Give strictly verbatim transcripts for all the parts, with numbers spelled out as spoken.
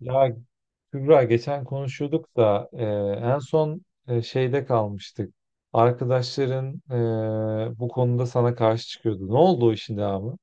Ya Kübra geçen konuşuyorduk da e, en son e, şeyde kalmıştık. Arkadaşların e, bu konuda sana karşı çıkıyordu. Ne oldu o işin devamı?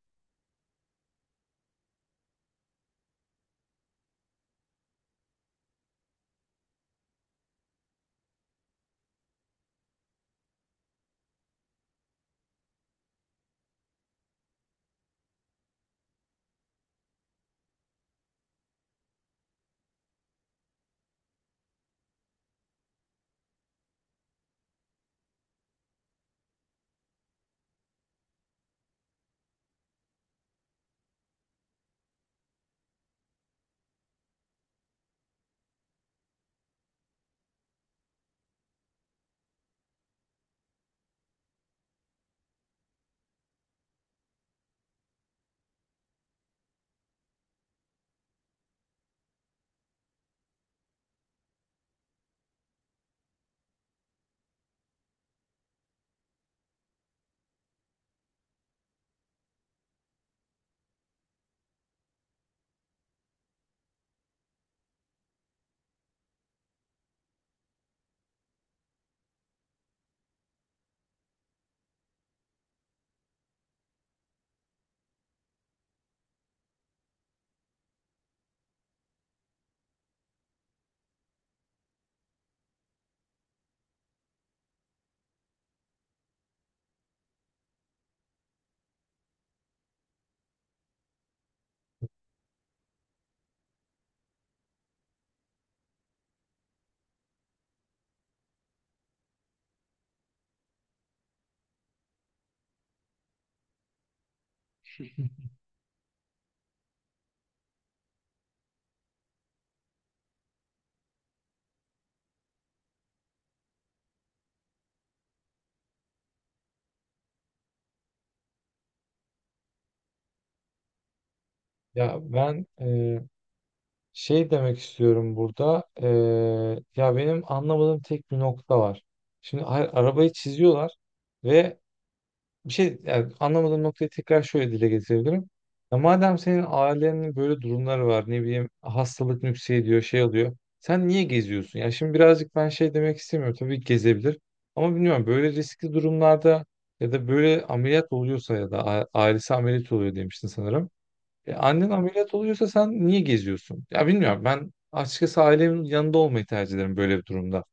Ya ben e, şey demek istiyorum burada. E, ya benim anlamadığım tek bir nokta var. Şimdi a- arabayı çiziyorlar ve bir şey, yani anlamadığım noktayı tekrar şöyle dile getirebilirim. Ya madem senin ailenin böyle durumları var, ne bileyim hastalık nüksediyor, şey oluyor. Sen niye geziyorsun? Ya şimdi birazcık ben şey demek istemiyorum. Tabii ki gezebilir. Ama bilmiyorum, böyle riskli durumlarda ya da böyle ameliyat oluyorsa ya da a- ailesi ameliyat oluyor demiştin sanırım. E, annen ameliyat oluyorsa sen niye geziyorsun? Ya bilmiyorum, ben açıkçası ailemin yanında olmayı tercih ederim böyle bir durumda.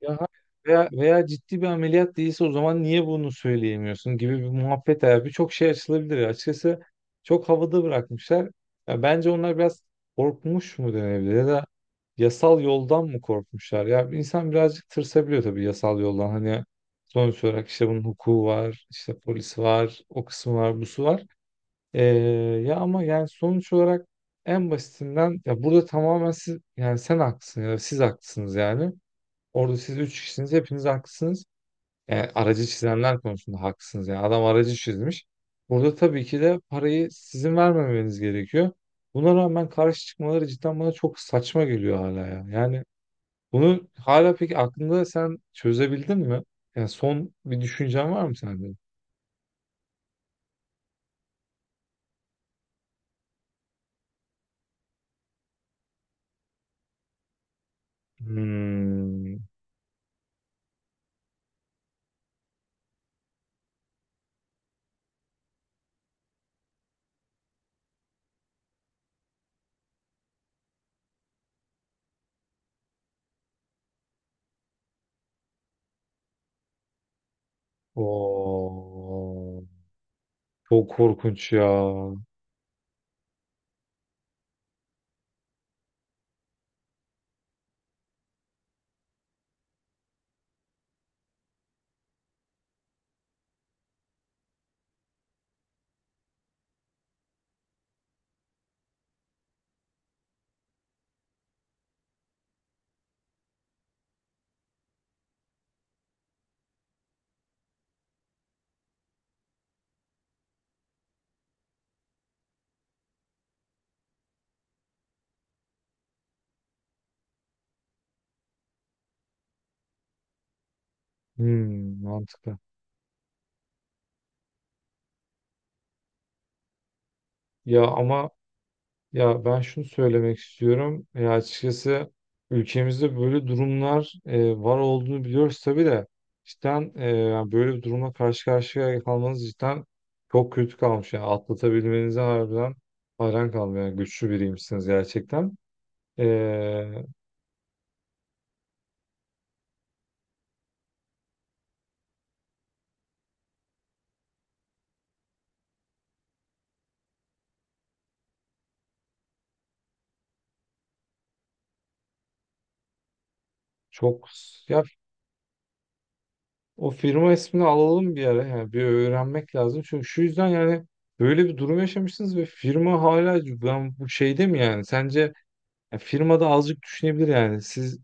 Ya hayır. veya, veya ciddi bir ameliyat değilse o zaman niye bunu söyleyemiyorsun gibi bir muhabbet abi. Birçok şey açılabilir. Açıkçası çok havada bırakmışlar. Ya bence onlar biraz korkmuş mu denebilir ya da yasal yoldan mı korkmuşlar? Ya insan birazcık tırsabiliyor tabii yasal yoldan. Hani sonuç olarak işte bunun hukuku var, işte polis var, o kısmı var, busu var. Ee, Ya ama yani sonuç olarak en basitinden ya burada tamamen siz, yani sen haklısın ya da siz haklısınız yani. Orada siz üç kişisiniz. Hepiniz haklısınız. Yani aracı çizenler konusunda haklısınız. Yani adam aracı çizmiş. Burada tabii ki de parayı sizin vermemeniz gerekiyor. Buna rağmen karşı çıkmaları cidden bana çok saçma geliyor hala ya. Yani bunu hala peki aklında sen çözebildin mi? Yani son bir düşüncen var mı sende? Hmm. Oo. Çok korkunç ya. Hmm, mantıklı. Ya ama ya ben şunu söylemek istiyorum. Ya açıkçası ülkemizde böyle durumlar e, var olduğunu biliyoruz tabii de cidden, e, yani böyle bir durumla karşı karşıya kalmanız cidden çok kötü kalmış. Yani atlatabilmenize harbiden hayran kaldım. Yani güçlü biriymişsiniz gerçekten. E, çok ya o firma ismini alalım bir ara. Yani bir öğrenmek lazım. Çünkü şu yüzden yani böyle bir durum yaşamışsınız ve firma hala ben bu şeyde mi yani? Sence ya firma da azıcık düşünebilir yani. Siz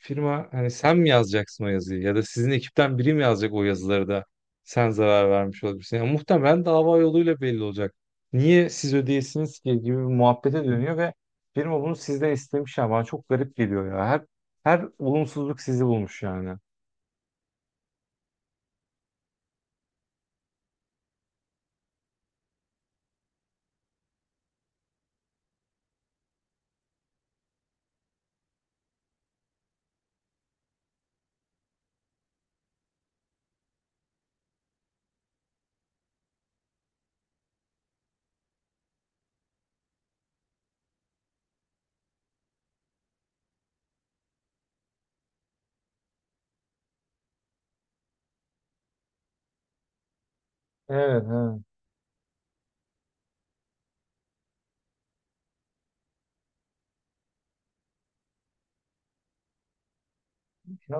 firma, hani sen mi yazacaksın o yazıyı ya da sizin ekipten biri mi yazacak o yazıları da sen zarar vermiş olabilirsin. Yani muhtemelen dava yoluyla belli olacak. Niye siz ödeyesiniz ki gibi bir muhabbete dönüyor ve firma bunu sizden istemiş ya, bana çok garip geliyor ya. Her her olumsuzluk sizi bulmuş yani. Evet, evet. Ya,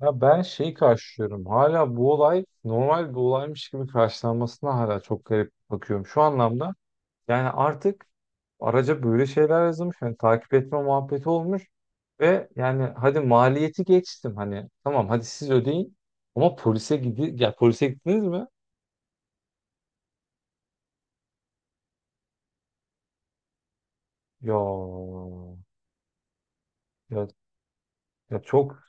ya ben şeyi karşılıyorum. Hala bu olay normal bir olaymış gibi karşılanmasına hala çok garip bakıyorum. Şu anlamda yani artık araca böyle şeyler yazılmış. Yani takip etme muhabbeti olmuş. Ve yani hadi maliyeti geçtim. Hani tamam, hadi siz ödeyin. Ama polise gidi ya polise gittiniz mi? Ya, ya, ya çok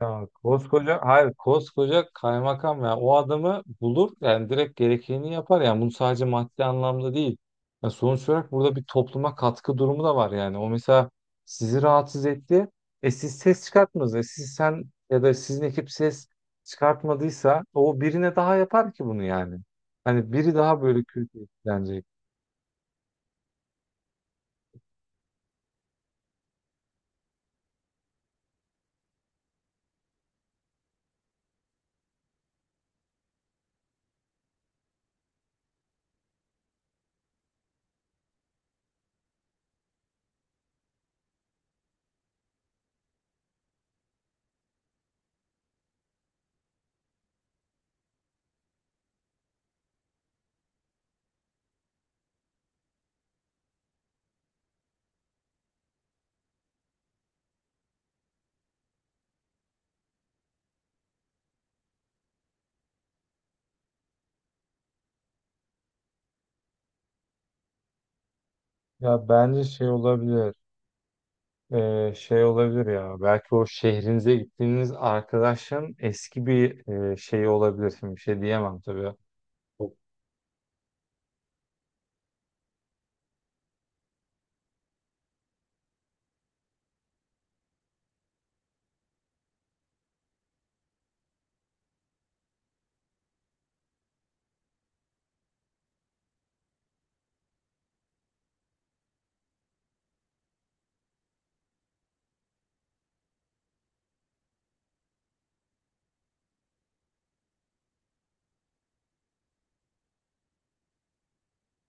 ya koskoca, hayır koskoca kaymakam ya, o adamı bulur yani direkt gerekeni yapar yani, bunu sadece maddi anlamda değil. Ya sonuç olarak burada bir topluma katkı durumu da var yani. O mesela sizi rahatsız etti. E siz ses çıkartmadınız. E siz sen ya da sizin ekip ses çıkartmadıysa o birine daha yapar ki bunu yani. Hani biri daha böyle kötü etkilenecek. Ya bence şey olabilir. Ee, şey olabilir ya, belki o şehrinize gittiğiniz arkadaşın eski bir e, şeyi olabilir. Şimdi bir şey diyemem tabii. O-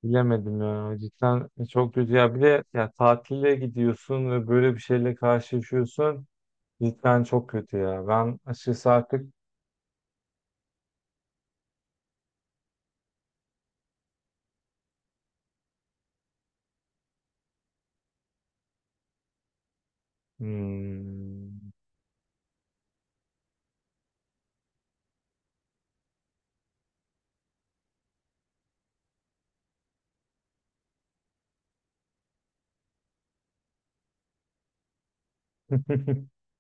bilemedim ya, cidden çok kötü ya, bir de ya tatile gidiyorsun ve böyle bir şeyle karşılaşıyorsun cidden çok kötü ya, ben açıkçası artık hmm,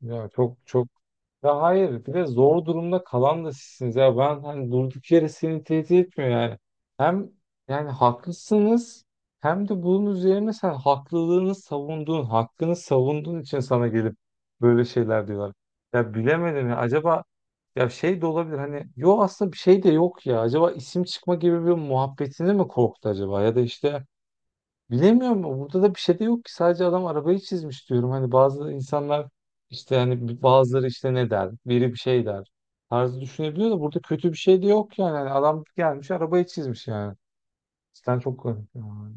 ya çok çok ya hayır, bir de zor durumda kalan da sizsiniz ya, ben hani durduk yere seni tehdit etmiyor yani. Hem yani haklısınız hem de bunun üzerine sen haklılığını savunduğun, hakkını savunduğun için sana gelip böyle şeyler diyorlar. Ya bilemedim ya, acaba ya şey de olabilir hani, yo aslında bir şey de yok ya, acaba isim çıkma gibi bir muhabbetini mi korktu acaba, ya da işte bilemiyorum. Burada da bir şey de yok ki. Sadece adam arabayı çizmiş diyorum. Hani bazı insanlar işte, hani bazıları işte ne der? Biri bir şey der. Tarzı düşünebiliyor da, burada kötü bir şey de yok yani. Hani adam gelmiş arabayı çizmiş yani. Cidden çok garip yani.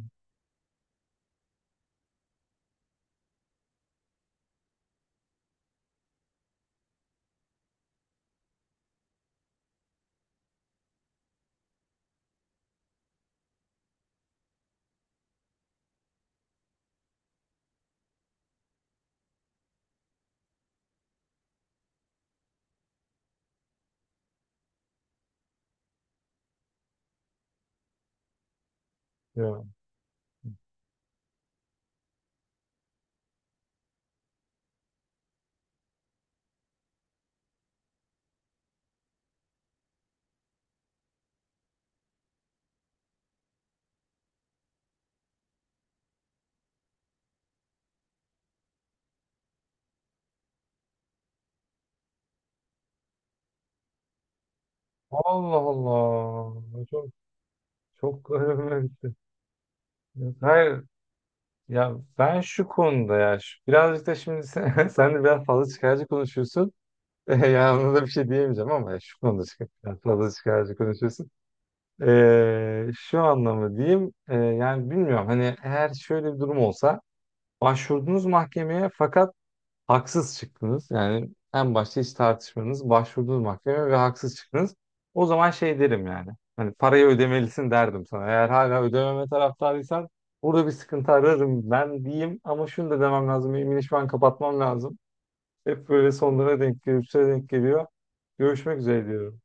Ya. Allah Allah. Çok, çok garip. Ya, hayır. Ya ben şu konuda ya şu- birazcık da şimdi sen, sen de biraz fazla çıkarcı konuşuyorsun. Yani ona da bir şey diyemeyeceğim ama ya şu konuda çık- biraz fazla çıkarcı konuşuyorsun. Ee, şu anlamı diyeyim, ee, yani bilmiyorum hani eğer şöyle bir durum olsa, başvurdunuz mahkemeye fakat haksız çıktınız, yani en başta hiç tartışmanız, başvurdunuz mahkemeye ve haksız çıktınız, o zaman şey derim yani, hani parayı ödemelisin derdim sana. Eğer hala ödememe taraftarıysan burada bir sıkıntı ararım ben diyeyim, ama şunu da demem lazım, benim işi ben kapatmam lazım, hep böyle sonlara denk gelip denk geliyor, görüşmek üzere diyorum.